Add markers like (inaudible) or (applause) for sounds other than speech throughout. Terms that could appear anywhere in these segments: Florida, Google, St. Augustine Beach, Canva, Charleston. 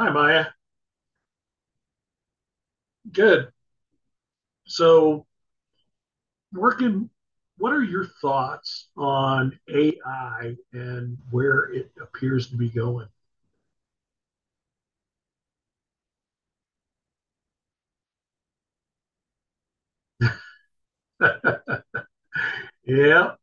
Hi, Maya. Good. So, working, what are your thoughts on AI and where it appears to be going? Yeah.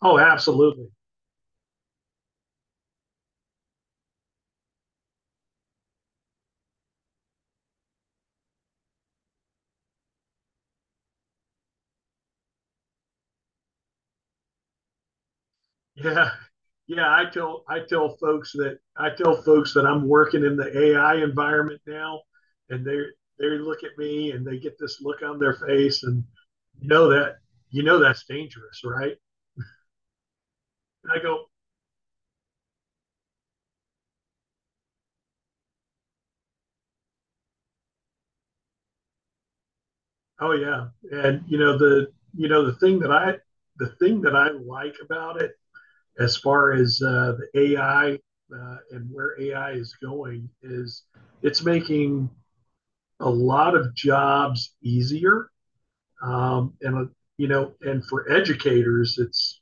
Oh, absolutely. Yeah. Yeah, I tell folks that I'm working in the AI environment now, and they look at me and they get this look on their face, and you know that you know that's dangerous, right? And I go, oh yeah, and you know the thing that I the thing that I like about it, as far as the AI, and where AI is going, is it's making a lot of jobs easier, and you know, and for educators,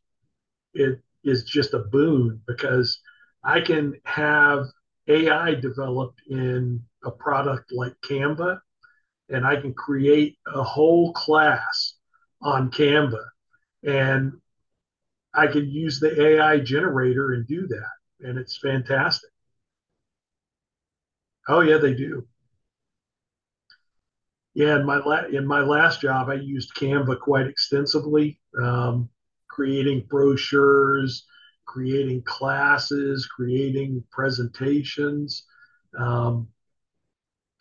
it is just a boon because I can have AI developed in a product like Canva and I can create a whole class on Canva and I can use the AI generator and do that. And it's fantastic. Oh yeah, they do. Yeah, in my last job, I used Canva quite extensively, creating brochures, creating classes, creating presentations, um,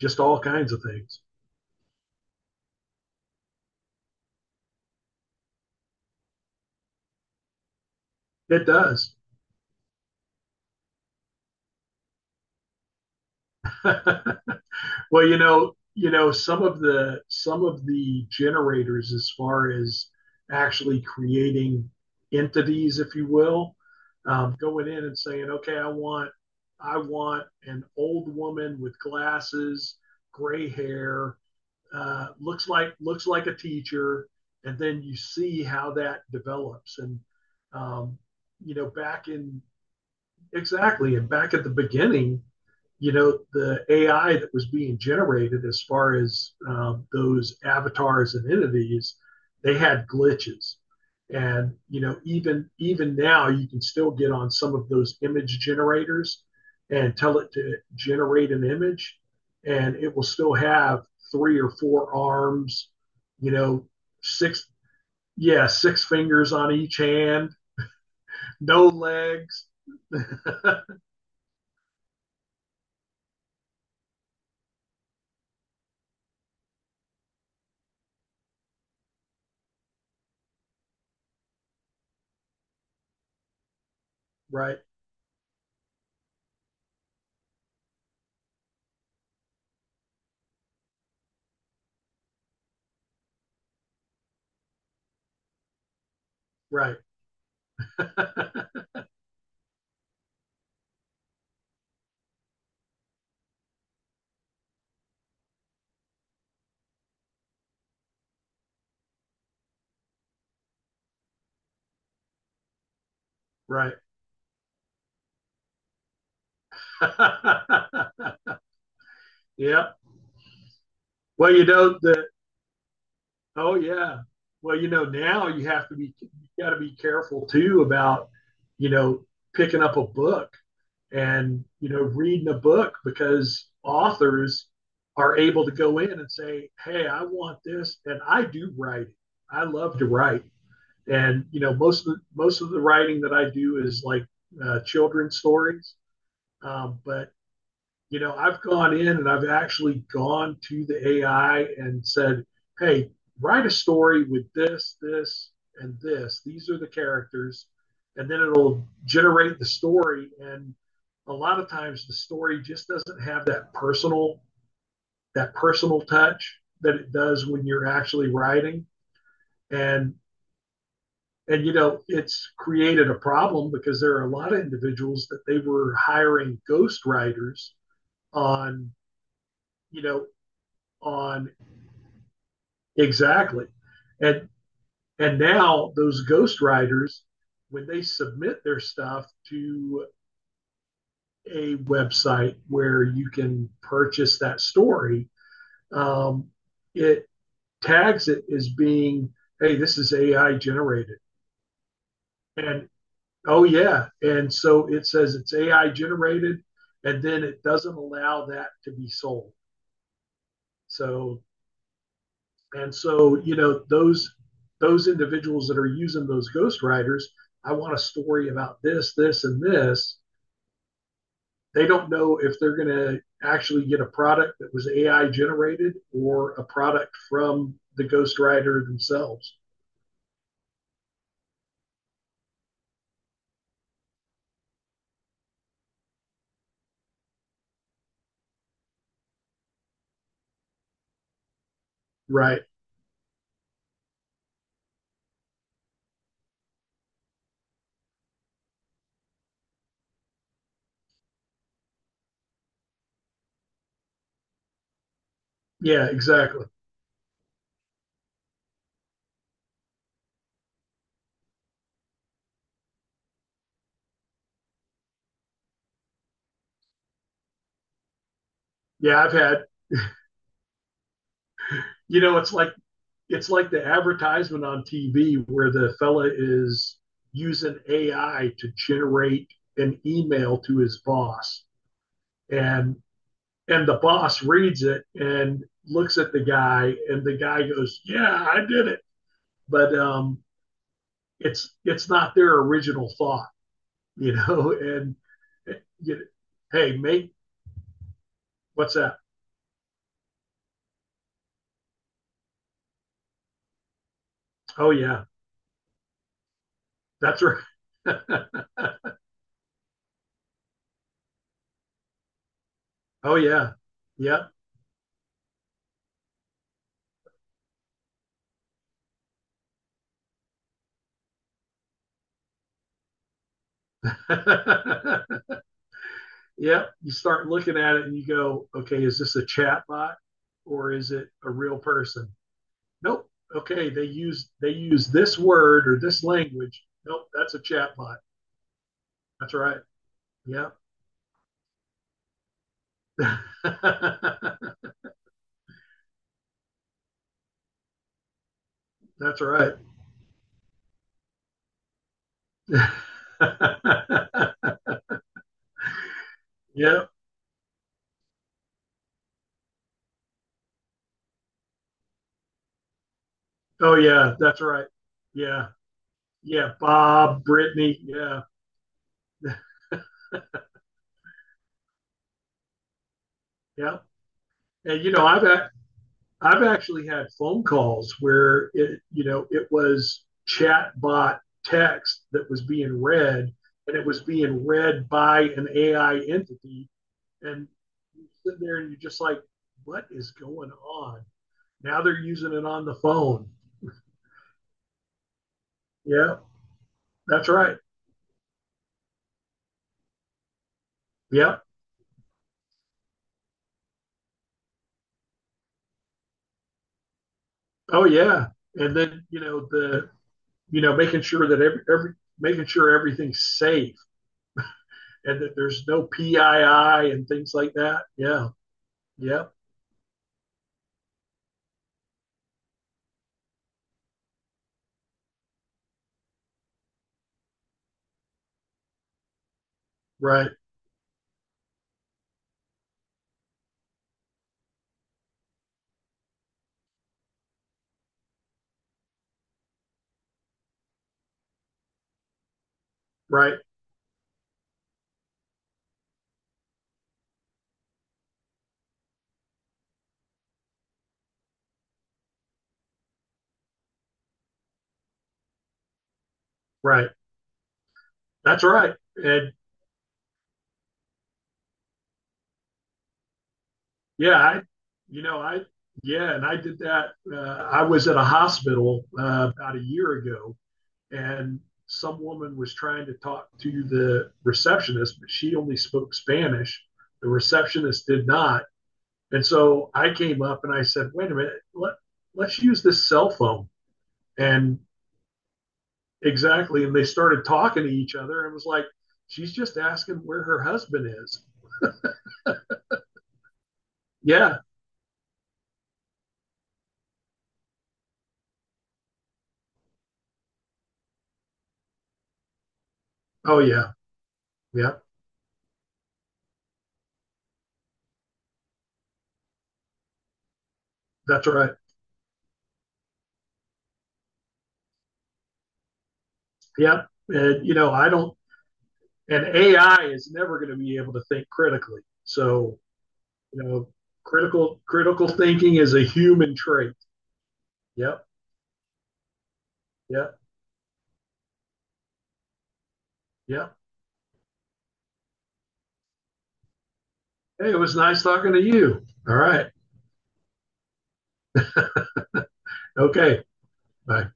just all kinds of things. It does. (laughs) Well, you know, some of the generators, as far as actually creating entities, if you will, going in and saying, okay, I want an old woman with glasses, gray hair, looks like a teacher, and then you see how that develops. And um, you know, back in exactly. And back at the beginning, you know, the AI that was being generated as far as those avatars and entities, they had glitches. And you know, even now, you can still get on some of those image generators and tell it to generate an image, and it will still have three or four arms, you know, six yeah, six fingers on each hand, no legs. Right, right. (laughs) Right. (laughs) Yeah. Well, you know that. Oh, yeah. Well, you know now you have to be you got to be careful too about you know picking up a book and you know reading a book because authors are able to go in and say, "Hey, I want this," and I do write. I love to write, and you know most of the writing that I do is like children's stories. But you know, I've gone in and I've actually gone to the AI and said, hey, write a story with this, this, and this. These are the characters. And then it'll generate the story. And a lot of times the story just doesn't have that personal touch that it does when you're actually writing. And and you know, it's created a problem because there are a lot of individuals that they were hiring ghost writers on, you know, on exactly. And and now those ghost writers, when they submit their stuff to a website where you can purchase that story, um, it tags it as being, hey, this is AI generated. And oh yeah. And so it says it's AI generated and then it doesn't allow that to be sold. So and so, you know, those individuals that are using those ghost writers, I want a story about this, this, and this. They don't know if they're going to actually get a product that was AI generated or a product from the ghost writer themselves. Right. Yeah, exactly. Yeah, I've had, you know, it's like the advertisement on TV where the fella is using AI to generate an email to his boss. And and the boss reads it and looks at the guy and the guy goes, yeah, I did it, but it's not their original thought, (laughs) you know. And you, hey mate, what's that? Oh yeah, that's right. (laughs) Oh yeah. Yeah. Yeah. (laughs) You start looking at it and you go, okay, is this a chat bot or is it a real person? Nope. Okay, they use this word or this language. Nope, that's a chat bot. That's right. Yeah. (laughs) That's right. (laughs) Yeah. Oh, yeah. That's right. Yeah. Yeah. Bob, Brittany. Yeah. Yeah. And, you know, I've actually had phone calls where it, you know, it was chat bot text that was being read and it was being read by an AI entity. And you sit there and you're just like, what is going on? Now they're using it on the phone. Yeah. That's right. Yeah. Oh yeah. And then, you know, the you know, making sure that every making sure everything's safe and that there's no PII and things like that. Yeah. Yeah. Right. Right. Right. That's right. And yeah, I you know, I yeah, and I did that, I was at a hospital, about a year ago and some woman was trying to talk to the receptionist, but she only spoke Spanish. The receptionist did not. And so I came up and I said, wait a minute, let's use this cell phone. And exactly. And they started talking to each other and it was like, she's just asking where her husband is. Yeah. Oh, yeah. Yeah. That's right. Yeah. And, you know, I don't, and AI is never going to be able to think critically. So, you know, critical thinking is a human trait. Yep. Yep. Yep. Hey, it was nice talking to you. All right. Okay. Bye.